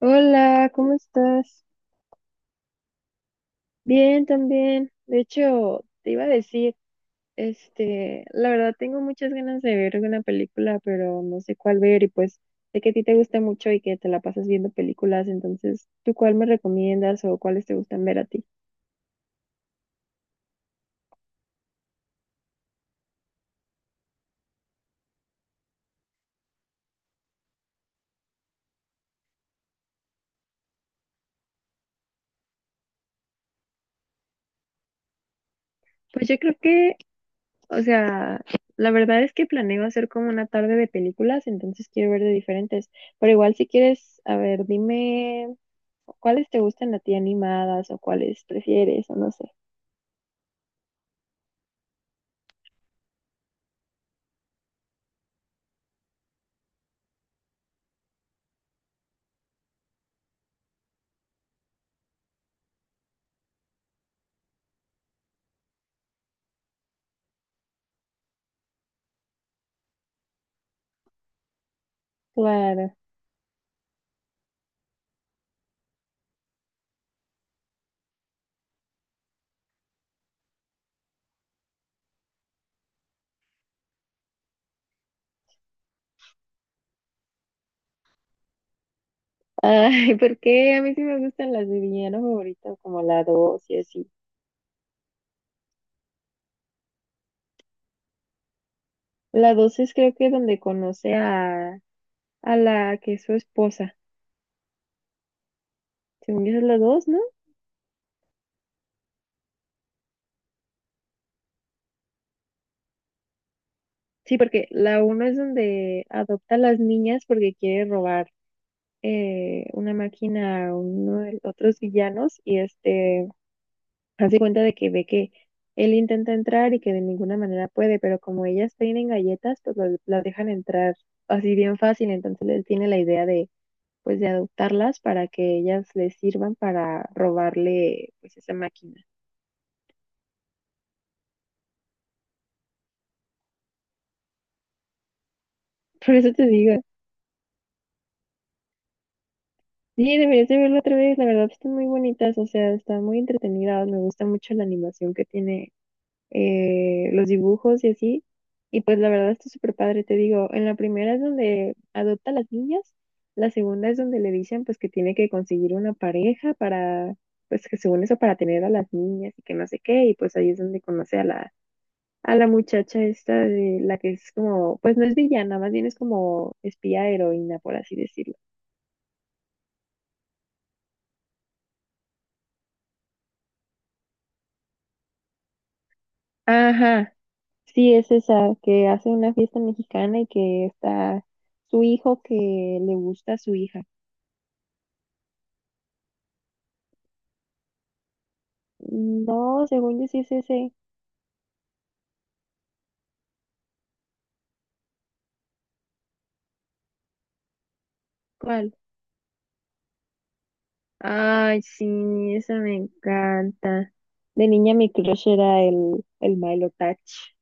Hola, ¿cómo estás? Bien, también. De hecho, te iba a decir, la verdad tengo muchas ganas de ver una película, pero no sé cuál ver y pues sé que a ti te gusta mucho y que te la pasas viendo películas, entonces, ¿tú cuál me recomiendas o cuáles te gustan ver a ti? Pues yo creo que, o sea, la verdad es que planeo hacer como una tarde de películas, entonces quiero ver de diferentes, pero igual si quieres, a ver, dime cuáles te gustan a ti animadas o cuáles prefieres o no sé. Claro. Ay, porque a mí sí me gustan las de villano favorito, como la 2 y así. La 2 es creo que donde conoce a la que es su esposa. Según yo esa es la dos, ¿no? Sí, porque la uno es donde adopta a las niñas porque quiere robar una máquina a uno de los otros villanos y este hace cuenta de que ve que él intenta entrar y que de ninguna manera puede, pero como ellas tienen galletas, pues las dejan entrar así bien fácil, entonces él tiene la idea de pues de adoptarlas para que ellas les sirvan para robarle pues esa máquina. Por eso te digo, sí, deberías de verlo otra vez, la verdad están muy bonitas, o sea, están muy entretenidas, me gusta mucho la animación que tiene, los dibujos y así, y pues la verdad está súper padre, te digo, en la primera es donde adopta a las niñas, la segunda es donde le dicen pues que tiene que conseguir una pareja para, pues que según eso para tener a las niñas y que no sé qué, y pues ahí es donde conoce a la muchacha esta de la que es como, pues no es villana, más bien es como espía heroína, por así decirlo. Ajá, sí, es esa que hace una fiesta mexicana y que está su hijo que le gusta a su hija. No, según yo sí es ese. ¿Cuál? Ay, sí, esa me encanta. De niña mi crush era el Milo Touch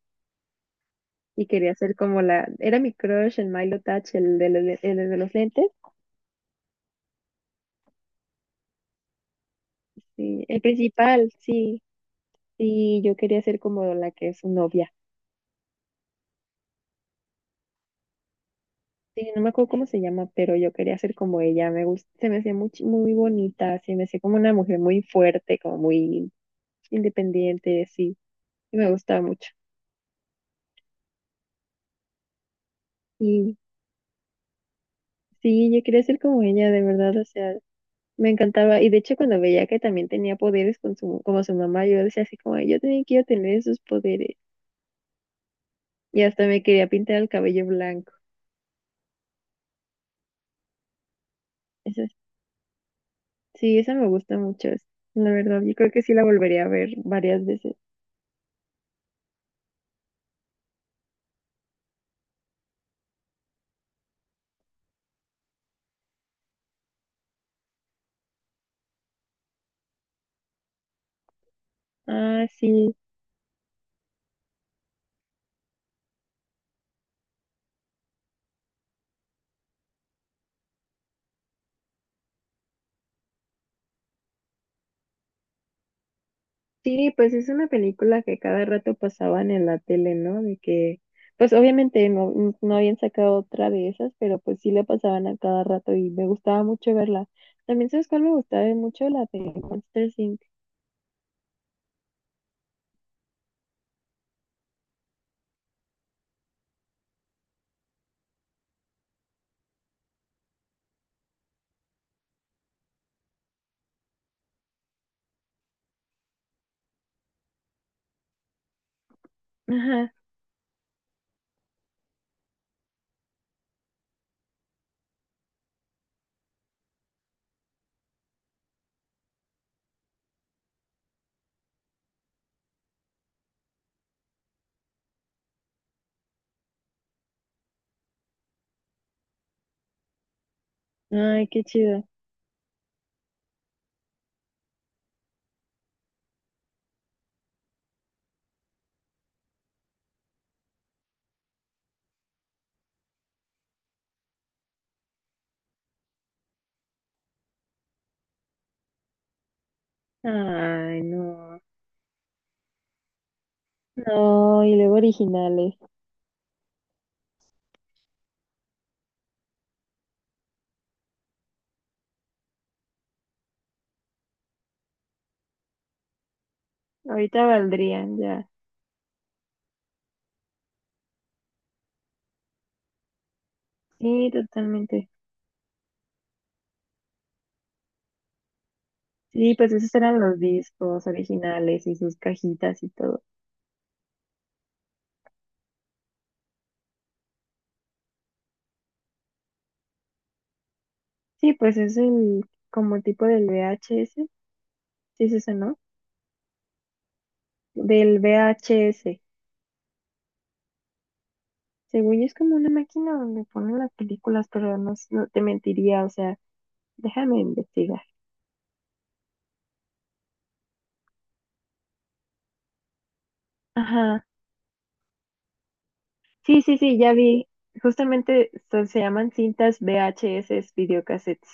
y quería ser como la, era mi crush el Milo Touch, el de los lentes. Sí, el principal, sí. Sí, yo quería ser como la que es su novia. Sí, no me acuerdo cómo se llama, pero yo quería ser como ella. Me gusta, se me hacía muy, chi- muy bonita, se me hacía como una mujer muy fuerte, como muy independiente, sí, y me gustaba mucho. Y sí, yo quería ser como ella, de verdad, o sea, me encantaba. Y de hecho, cuando veía que también tenía poderes con su, como su mamá, yo decía así como, "Ay, yo también quiero tener esos poderes. Y hasta me quería pintar el cabello blanco." Esa- sí, esa me gusta mucho. Es- La verdad, yo creo que sí la volvería a ver varias veces. Ah, sí. Sí, pues es una película que cada rato pasaban en la tele, ¿no? De que, pues obviamente no, n- no habían sacado otra de esas, pero pues sí la pasaban a cada rato y me gustaba mucho verla. También, ¿sabes cuál me gustaba mucho? La de Monsters Inc. Ajá. Ay, qué chido. Ay, no. No, y luego originales. Ahorita valdrían ya. Sí, totalmente. Sí, pues esos eran los discos originales y sus cajitas y todo. Sí, pues es el como tipo del VHS, sí es eso, ¿no? Del VHS. Según yo es como una máquina donde ponen las películas, pero no, s- no te mentiría, o sea, déjame investigar. Ajá. Sí, sí, sí, ya vi. Justamente so- se llaman cintas VHS, videocassettes.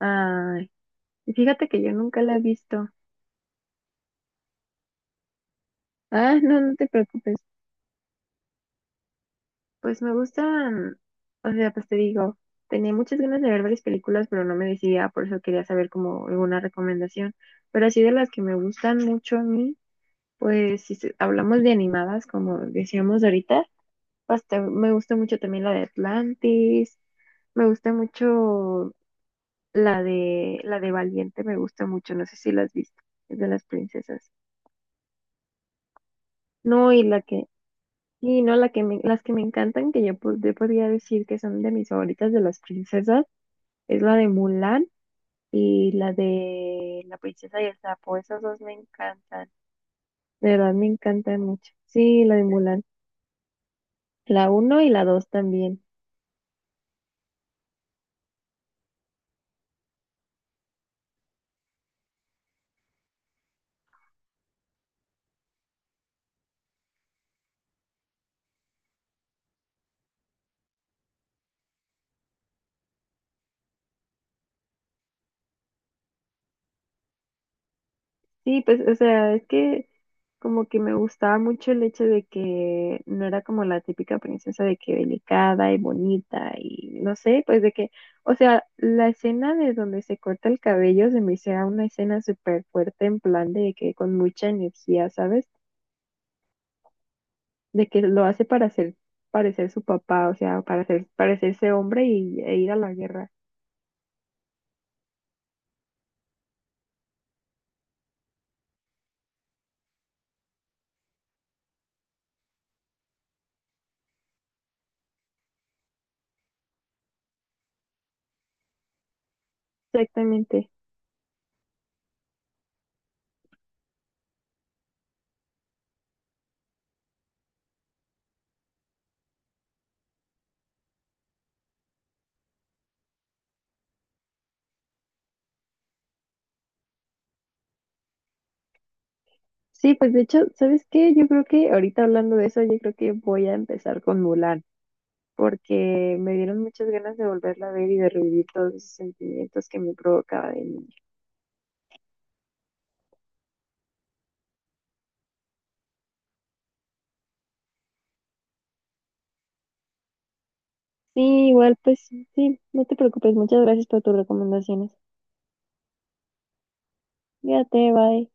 Ay, y fíjate que yo nunca la he visto. Ah, no, no te preocupes. Pues me gustan, o sea, pues te digo, tenía muchas ganas de ver varias películas, pero no me decidía, por eso quería saber como alguna recomendación. Pero así de las que me gustan mucho a mí, pues si se- hablamos de animadas, como decíamos ahorita, pues te- me gusta mucho también la de Atlantis, me gusta mucho la de Valiente, me gusta mucho, no sé si la has visto, es de las princesas. No, y la que y no, la que me, las que me encantan, que yo, po- yo podría decir que son de mis favoritas de las princesas, es la de Mulan y la de La princesa y el sapo. Esas dos me encantan. De verdad me encantan mucho. Sí, la de Mulan. La uno y la dos también. Sí, pues, o sea, es que como que me gustaba mucho el hecho de que no era como la típica princesa de que delicada y bonita y no sé, pues de que, o sea, la escena de donde se corta el cabello se me hiciera una escena súper fuerte en plan de que con mucha energía, ¿sabes? De que lo hace para hacer parecer su papá, o sea, para hacer parecerse hombre y e ir a la guerra. Exactamente. Sí, pues de hecho, ¿sabes qué? Yo creo que ahorita hablando de eso, yo creo que voy a empezar con Mulan, porque me dieron muchas ganas de volverla a ver y de revivir todos esos sentimientos que me provocaba de niña. Sí, igual, pues sí, no te preocupes. Muchas gracias por tus recomendaciones. Cuídate, bye.